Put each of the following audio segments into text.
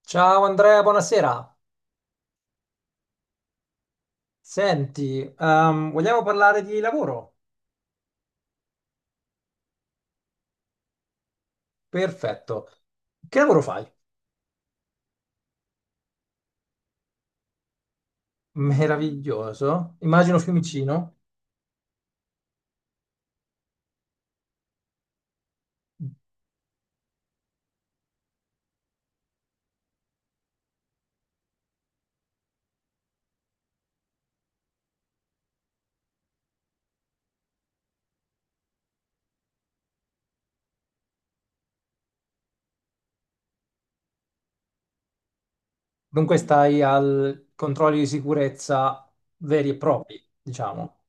Ciao Andrea, buonasera. Senti, vogliamo parlare di lavoro? Perfetto. Che lavoro fai? Meraviglioso. Immagino Fiumicino. Dunque stai al controlli di sicurezza veri e propri, diciamo.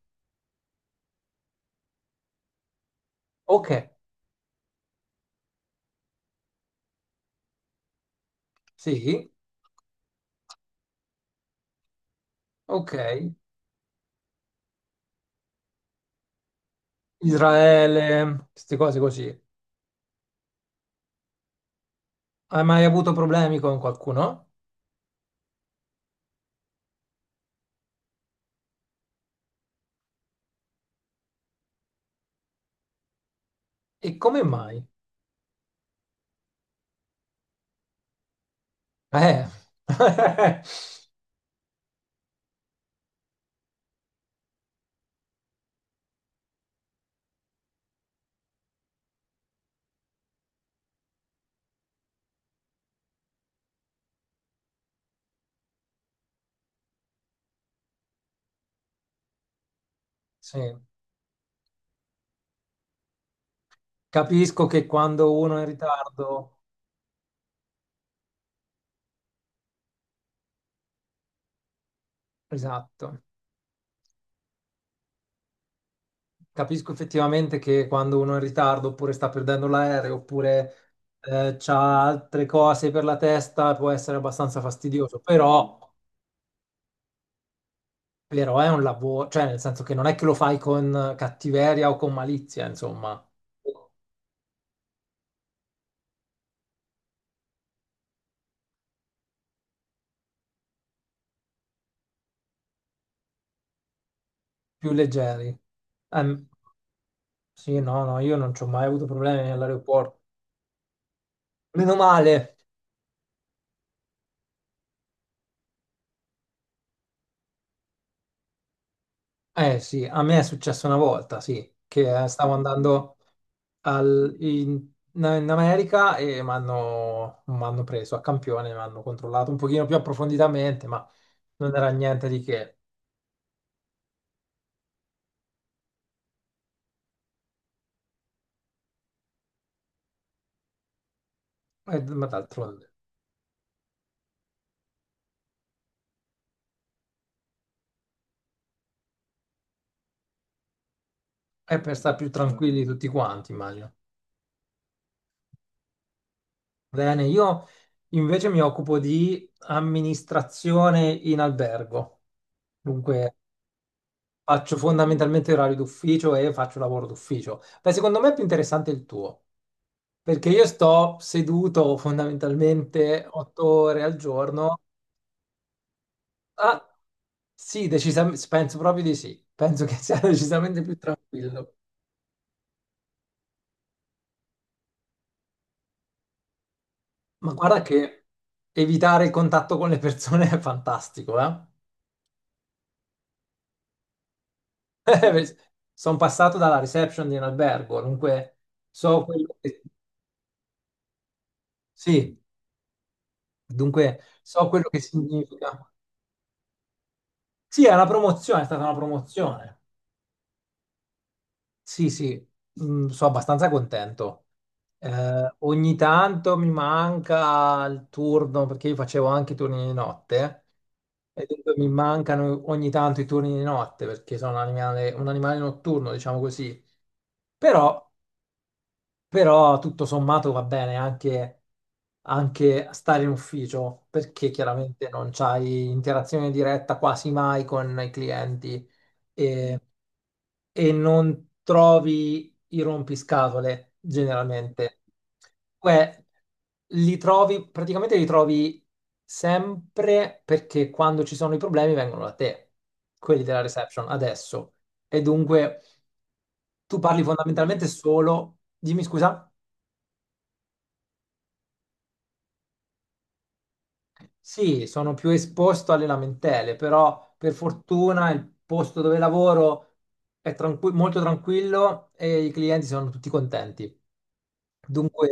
Ok, sì, ok. Israele, queste cose così. Hai mai avuto problemi con qualcuno? E come mai? Eh, sì, capisco che quando uno è in ritardo... Esatto. Capisco effettivamente che quando uno è in ritardo oppure sta perdendo l'aereo oppure c'ha altre cose per la testa, può essere abbastanza fastidioso, però, però è un lavoro, cioè nel senso che non è che lo fai con cattiveria o con malizia, insomma, più leggeri. Ehm, sì, no, no, io non ci ho mai avuto problemi all'aeroporto. Meno male. Eh sì, a me è successo una volta, sì, che stavo andando in, in America e mi hanno m'hanno preso a campione, mi hanno controllato un pochino più approfonditamente, ma non era niente di che. Ma d'altronde è per stare più tranquilli tutti quanti, immagino. Bene, io invece mi occupo di amministrazione in albergo, dunque faccio fondamentalmente orari d'ufficio e faccio lavoro d'ufficio. Beh, secondo me è più interessante il tuo. Perché io sto seduto fondamentalmente 8 ore al giorno. Ah, sì, decisamente, penso proprio di sì. Penso che sia decisamente più tranquillo. Ma guarda che evitare il contatto con le persone è fantastico, eh? Sono passato dalla reception di un albergo, dunque so quello che... Sì, dunque so quello che significa. Sì, è una promozione, è stata una promozione. Sì, sì, mm, sono abbastanza contento. Ogni tanto mi manca il turno perché io facevo anche i turni di notte e dunque mi mancano ogni tanto i turni di notte perché sono un animale notturno, diciamo così. Però, però tutto sommato va bene anche, anche stare in ufficio perché chiaramente non c'hai interazione diretta quasi mai con i clienti e, e non trovi i rompiscatole generalmente. Beh, li trovi, praticamente li trovi sempre perché quando ci sono i problemi vengono da te, quelli della reception, adesso. E dunque tu parli fondamentalmente solo... Dimmi scusa. Sì, sono più esposto alle lamentele, però per fortuna il posto dove lavoro è molto tranquillo e i clienti sono tutti contenti. Dunque,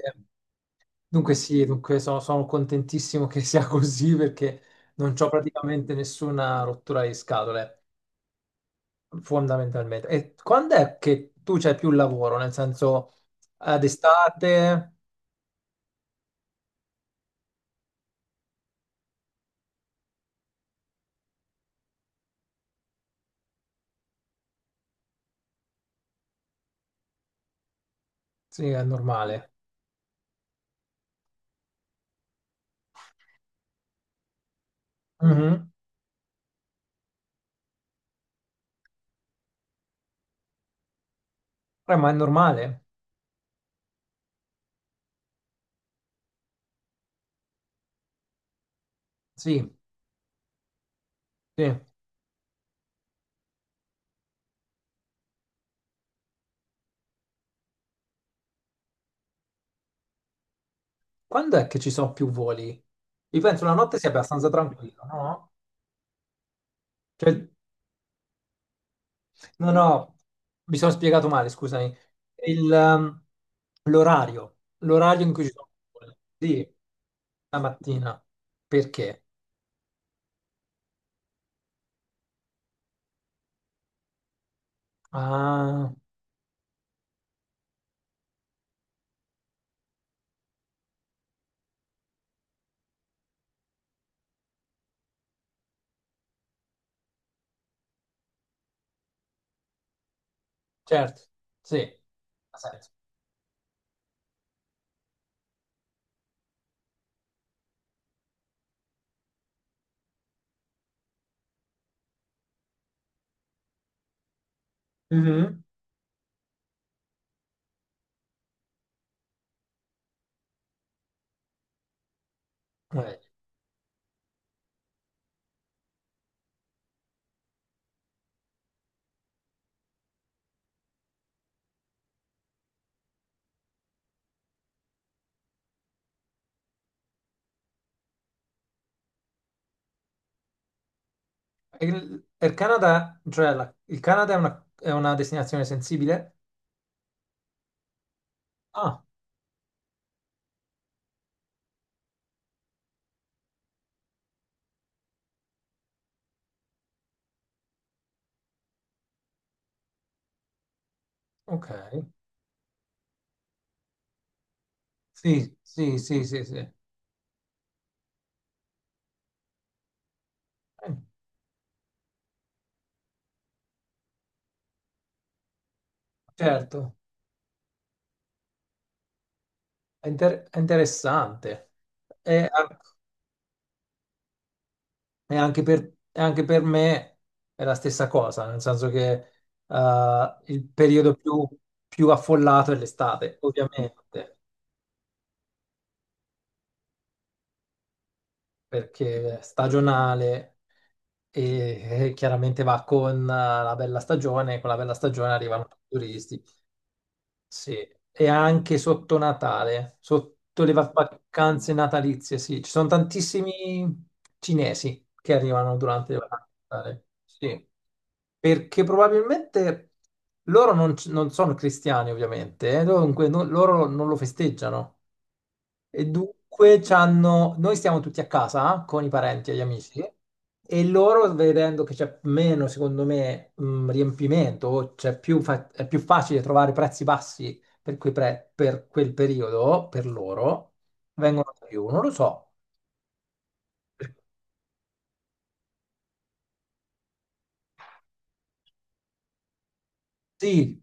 dunque sì, dunque sono contentissimo che sia così perché non ho praticamente nessuna rottura di scatole, fondamentalmente. E quando è che tu c'hai più lavoro? Nel senso, ad estate? Sì, è normale. Mhm. Ma è normale? Sì, sì. Quando è che ci sono più voli? Io penso la notte sia abbastanza tranquilla, no? Cioè, no, no, mi sono spiegato male, scusami. Il, ehm, l'orario, l'orario in cui ci sono più voli. Sì, la mattina. Perché? Ah, certo, sì, ha senso. Mhm. Eh, il Canada, cioè il Canada è una destinazione sensibile? Ah, ok. Sì, sì, sì, sì, sì. Certo. È è interessante. E, a- e anche per, e anche per me è la stessa cosa, nel senso che il periodo più, più affollato è l'estate, ovviamente, perché è stagionale e chiaramente va con la bella stagione, e con la bella stagione arrivano tutti i turisti. Sì, e anche sotto Natale, sotto le vacanze natalizie, sì. Ci sono tantissimi cinesi che arrivano durante le vacanze di Natale. Sì, perché probabilmente loro non, non sono cristiani, ovviamente, dunque loro non lo festeggiano. E dunque noi stiamo tutti a casa con i parenti e gli amici e loro vedendo che c'è meno, secondo me, riempimento, o c'è più è più facile trovare prezzi bassi per, per quel periodo, per loro, vengono da più, non lo so. Sì,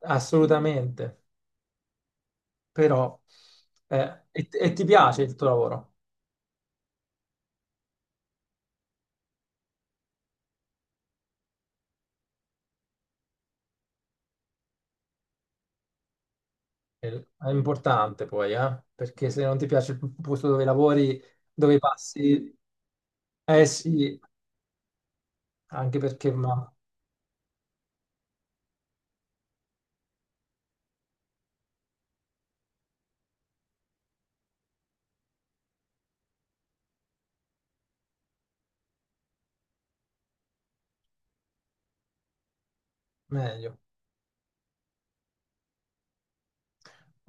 assolutamente, però e ti piace il tuo lavoro? È importante poi, eh? Perché se non ti piace il posto dove lavori, dove passi, eh sì, anche perché ma meglio.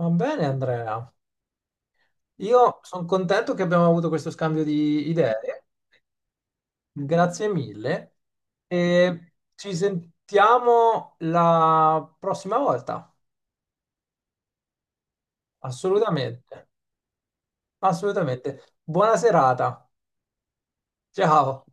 Va bene, Andrea. Io sono contento che abbiamo avuto questo scambio di idee. Grazie mille e ci sentiamo la prossima volta. Assolutamente, assolutamente. Buona serata. Ciao.